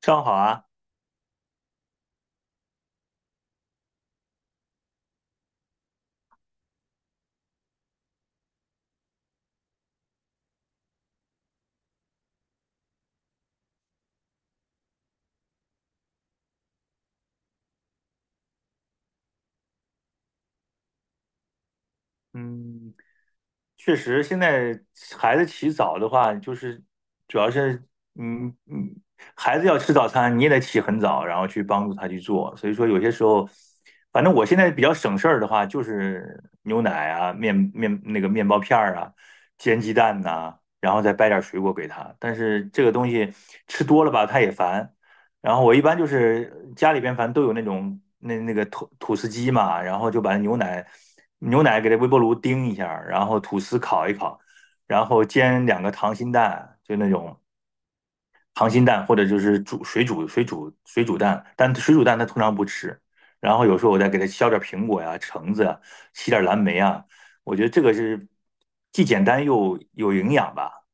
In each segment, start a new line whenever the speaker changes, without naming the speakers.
正好啊。嗯，确实，现在孩子起早的话，就是主要是，嗯嗯，孩子要吃早餐，你也得起很早，然后去帮助他去做。所以说，有些时候，反正我现在比较省事儿的话，就是牛奶啊、那个面包片儿啊、煎鸡蛋呐、然后再掰点水果给他。但是这个东西吃多了吧，他也烦；然后我一般就是家里边反正都有那种那个吐司机嘛，然后就把牛奶给它微波炉叮一下，然后吐司烤一烤，然后煎两个溏心蛋，就那种溏心蛋或者就是煮水煮蛋，但水煮蛋它通常不吃。然后有时候我再给它削点苹果呀、橙子呀洗点蓝莓啊，我觉得这个是既简单又有营养吧。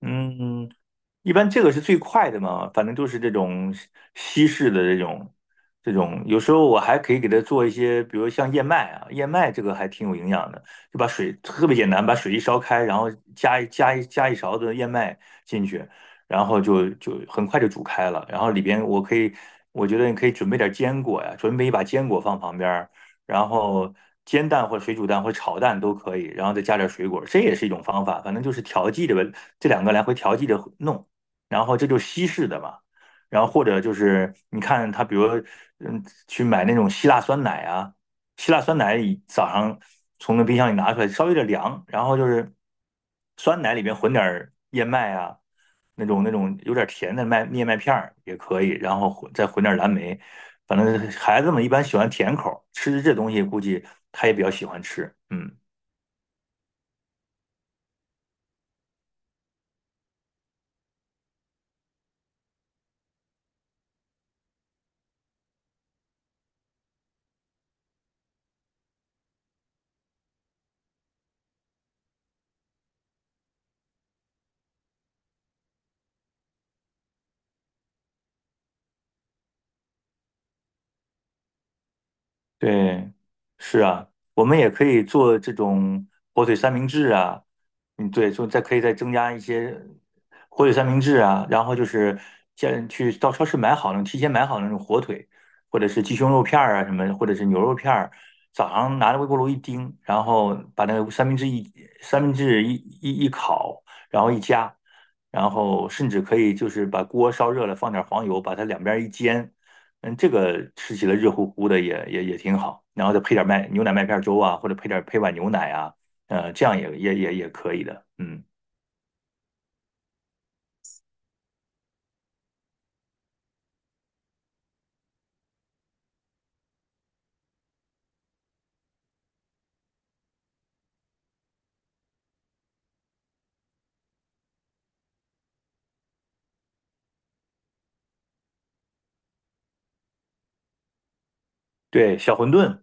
嗯，一般这个是最快的嘛，反正就是这种西式的这种这种，有时候我还可以给它做一些，比如像燕麦啊，燕麦这个还挺有营养的，就把水特别简单，把水一烧开，然后加一勺子燕麦进去，然后就很快就煮开了，然后里边我可以，我觉得你可以准备点坚果呀，准备一把坚果放旁边儿，然后煎蛋或者水煮蛋或者炒蛋都可以，然后再加点水果，这也是一种方法。反正就是调剂着吧，这两个来回调剂着弄，然后这就是西式的嘛。然后或者就是你看他，比如嗯，去买那种希腊酸奶啊，希腊酸奶早上从那冰箱里拿出来，稍微有点凉，然后就是酸奶里面混点燕麦啊，那种那种有点甜的燕麦片儿也可以，然后再混点蓝莓，反正孩子们一般喜欢甜口吃这东西估计他也比较喜欢吃。嗯。对，是啊，我们也可以做这种火腿三明治啊。嗯，对，就再可以再增加一些火腿三明治啊，然后就是先去到超市买好那种，提前买好那种火腿，或者是鸡胸肉片儿啊什么，或者是牛肉片儿，早上拿着微波炉一叮，然后把那个三明治一烤，然后一夹，然后甚至可以就是把锅烧热了，放点黄油，把它两边一煎。嗯，这个吃起来热乎乎的也挺好，然后再配点牛奶麦片粥啊，或者配碗牛奶啊，这样也可以的。嗯，对，小馄饨，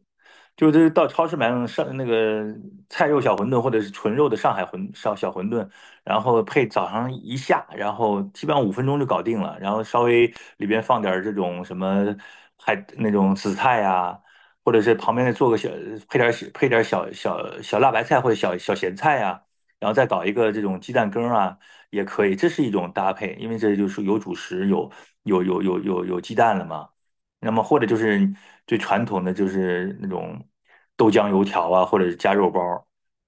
就是到超市买那种上那个菜肉小馄饨，或者是纯肉的上海小馄饨，然后配早上一下，然后基本上5分钟就搞定了，然后稍微里边放点儿这种什么海那种紫菜呀、或者是旁边再做个小配点儿小辣白菜或者小小咸菜呀、然后再搞一个这种鸡蛋羹儿啊，也可以，这是一种搭配，因为这就是有主食，有鸡蛋了嘛。那么或者就是最传统的就是那种豆浆油条啊，或者是加肉包儿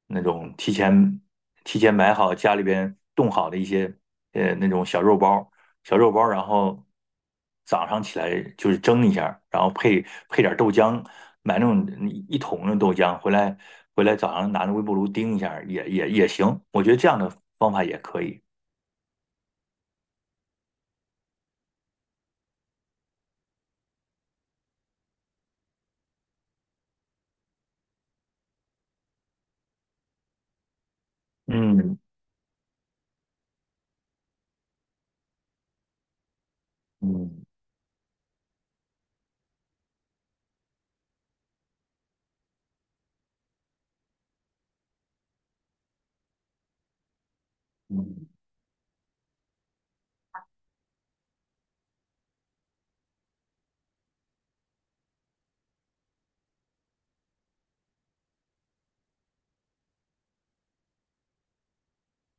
那种提前买好家里边冻好的一些那种小肉包儿，小肉包儿，然后早上起来就是蒸一下然后配点儿豆浆，买那种一桶的豆浆回来早上拿着微波炉叮一下也行，我觉得这样的方法也可以。嗯。嗯，嗯。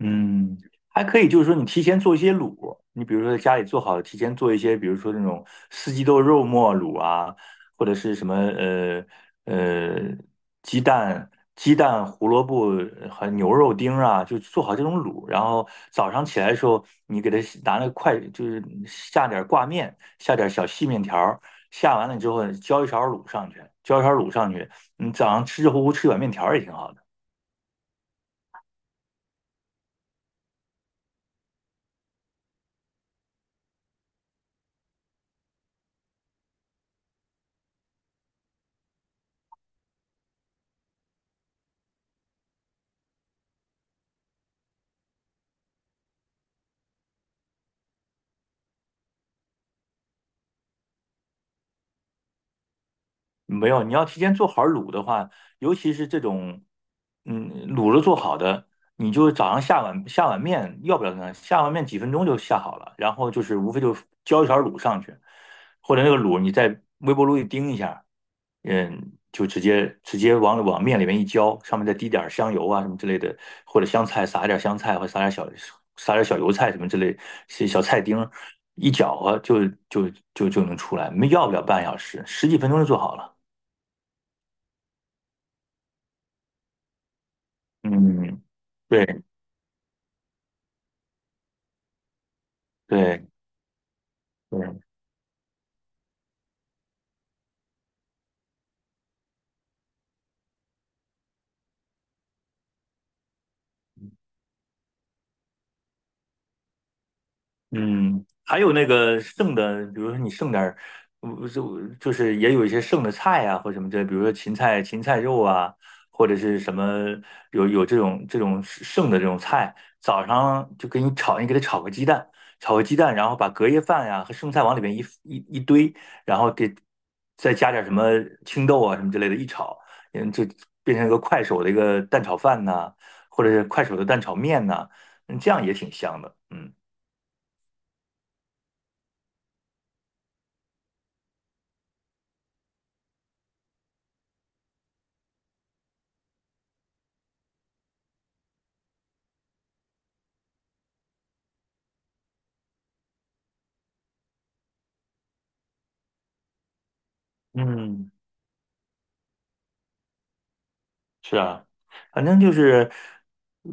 嗯，还可以，就是说你提前做一些卤，你比如说在家里做好，提前做一些，比如说那种四季豆肉末卤啊，或者是什么呃鸡蛋鸡蛋胡萝卜和牛肉丁啊，就做好这种卤，然后早上起来的时候，你给它拿那个筷，就是下点挂面，下点小细面条儿，下完了之后浇一勺卤上去，你早上吃热乎乎吃一碗面条儿也挺好的。没有，你要提前做好卤的话，尤其是这种，嗯，卤了做好的，你就早上下碗面，要不了呢，下碗面几分钟就下好了，然后就是无非就浇一勺卤上去，或者那个卤你在微波炉一叮一下，嗯，就直接往面里面一浇，上面再滴点儿香油啊什么之类的，或者香菜撒一点香菜，或者撒点小油菜什么之类，小小菜丁儿一搅和就能出来，没要不了半小时，十几分钟就做好了。嗯，对对对。嗯，还有那个剩的，比如说你剩点儿，就是也有一些剩的菜啊，或什么之类，比如说芹菜、芹菜肉啊，或者是什么有这种这种剩的这种菜，早上就给你炒，你给它炒个鸡蛋，然后把隔夜饭呀、和剩菜往里面一堆，然后给再加点什么青豆啊什么之类的，一炒，嗯，就变成一个快手的一个蛋炒饭呐、或者是快手的蛋炒面呐，嗯，这样也挺香的。嗯。嗯，是啊，反正就是，呃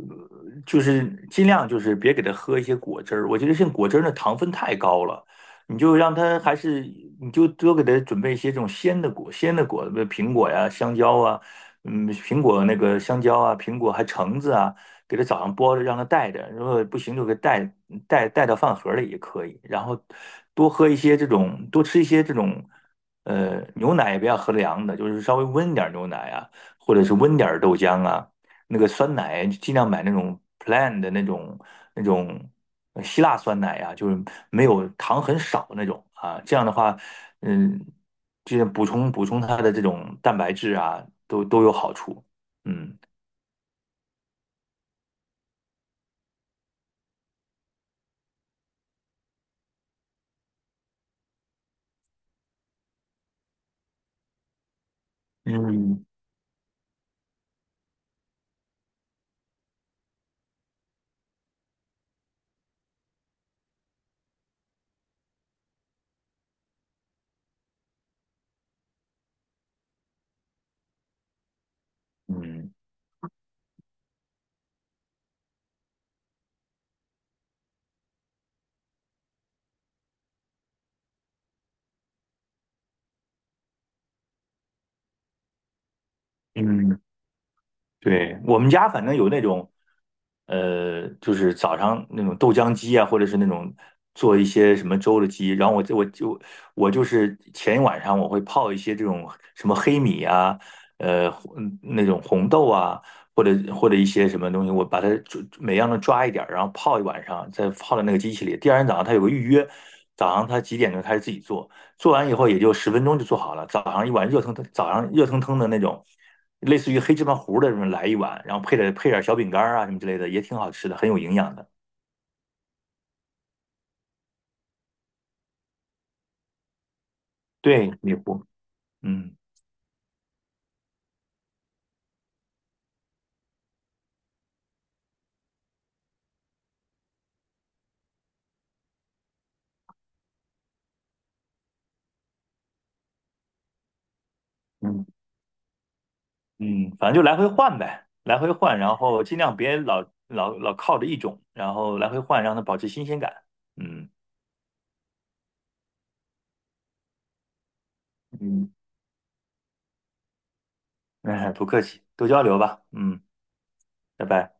就是尽量就是别给他喝一些果汁儿。我觉得像果汁儿的糖分太高了，你就让他还是你就多给他准备一些这种鲜的果，苹果呀、香蕉啊，嗯，苹果那个香蕉啊，苹果还橙子啊，给他早上剥着让他带着，如果不行就给带到饭盒里也可以。然后多喝一些这种，多吃一些这种，牛奶也不要喝凉的，就是稍微温点儿牛奶啊。或者是温点儿豆浆啊，那个酸奶尽量买那种 plain 的那种那种希腊酸奶啊，就是没有糖很少那种啊。这样的话，嗯，就是补充它的这种蛋白质啊，都有好处。嗯。嗯嗯嗯。对，我们家反正有那种，就是早上那种豆浆机啊，或者是那种做一些什么粥的机。然后我就是前一晚上我会泡一些这种什么黑米啊，呃，嗯那种红豆啊，或者一些什么东西，我把它抓每样都抓一点儿，然后泡一晚上，再泡到那个机器里。第二天早上它有个预约，早上它几点钟开始自己做，做完以后也就10分钟就做好了，早上一碗热腾腾，早上热腾腾的那种。类似于黑芝麻糊的什么来一碗，然后配点小饼干啊什么之类的，也挺好吃的，很有营养的。对，米糊。嗯。嗯嗯，反正就来回换呗，来回换，然后尽量别老靠着一种，然后来回换，让它保持新鲜感。嗯。嗯，哎，不客气，多交流吧。嗯，拜拜。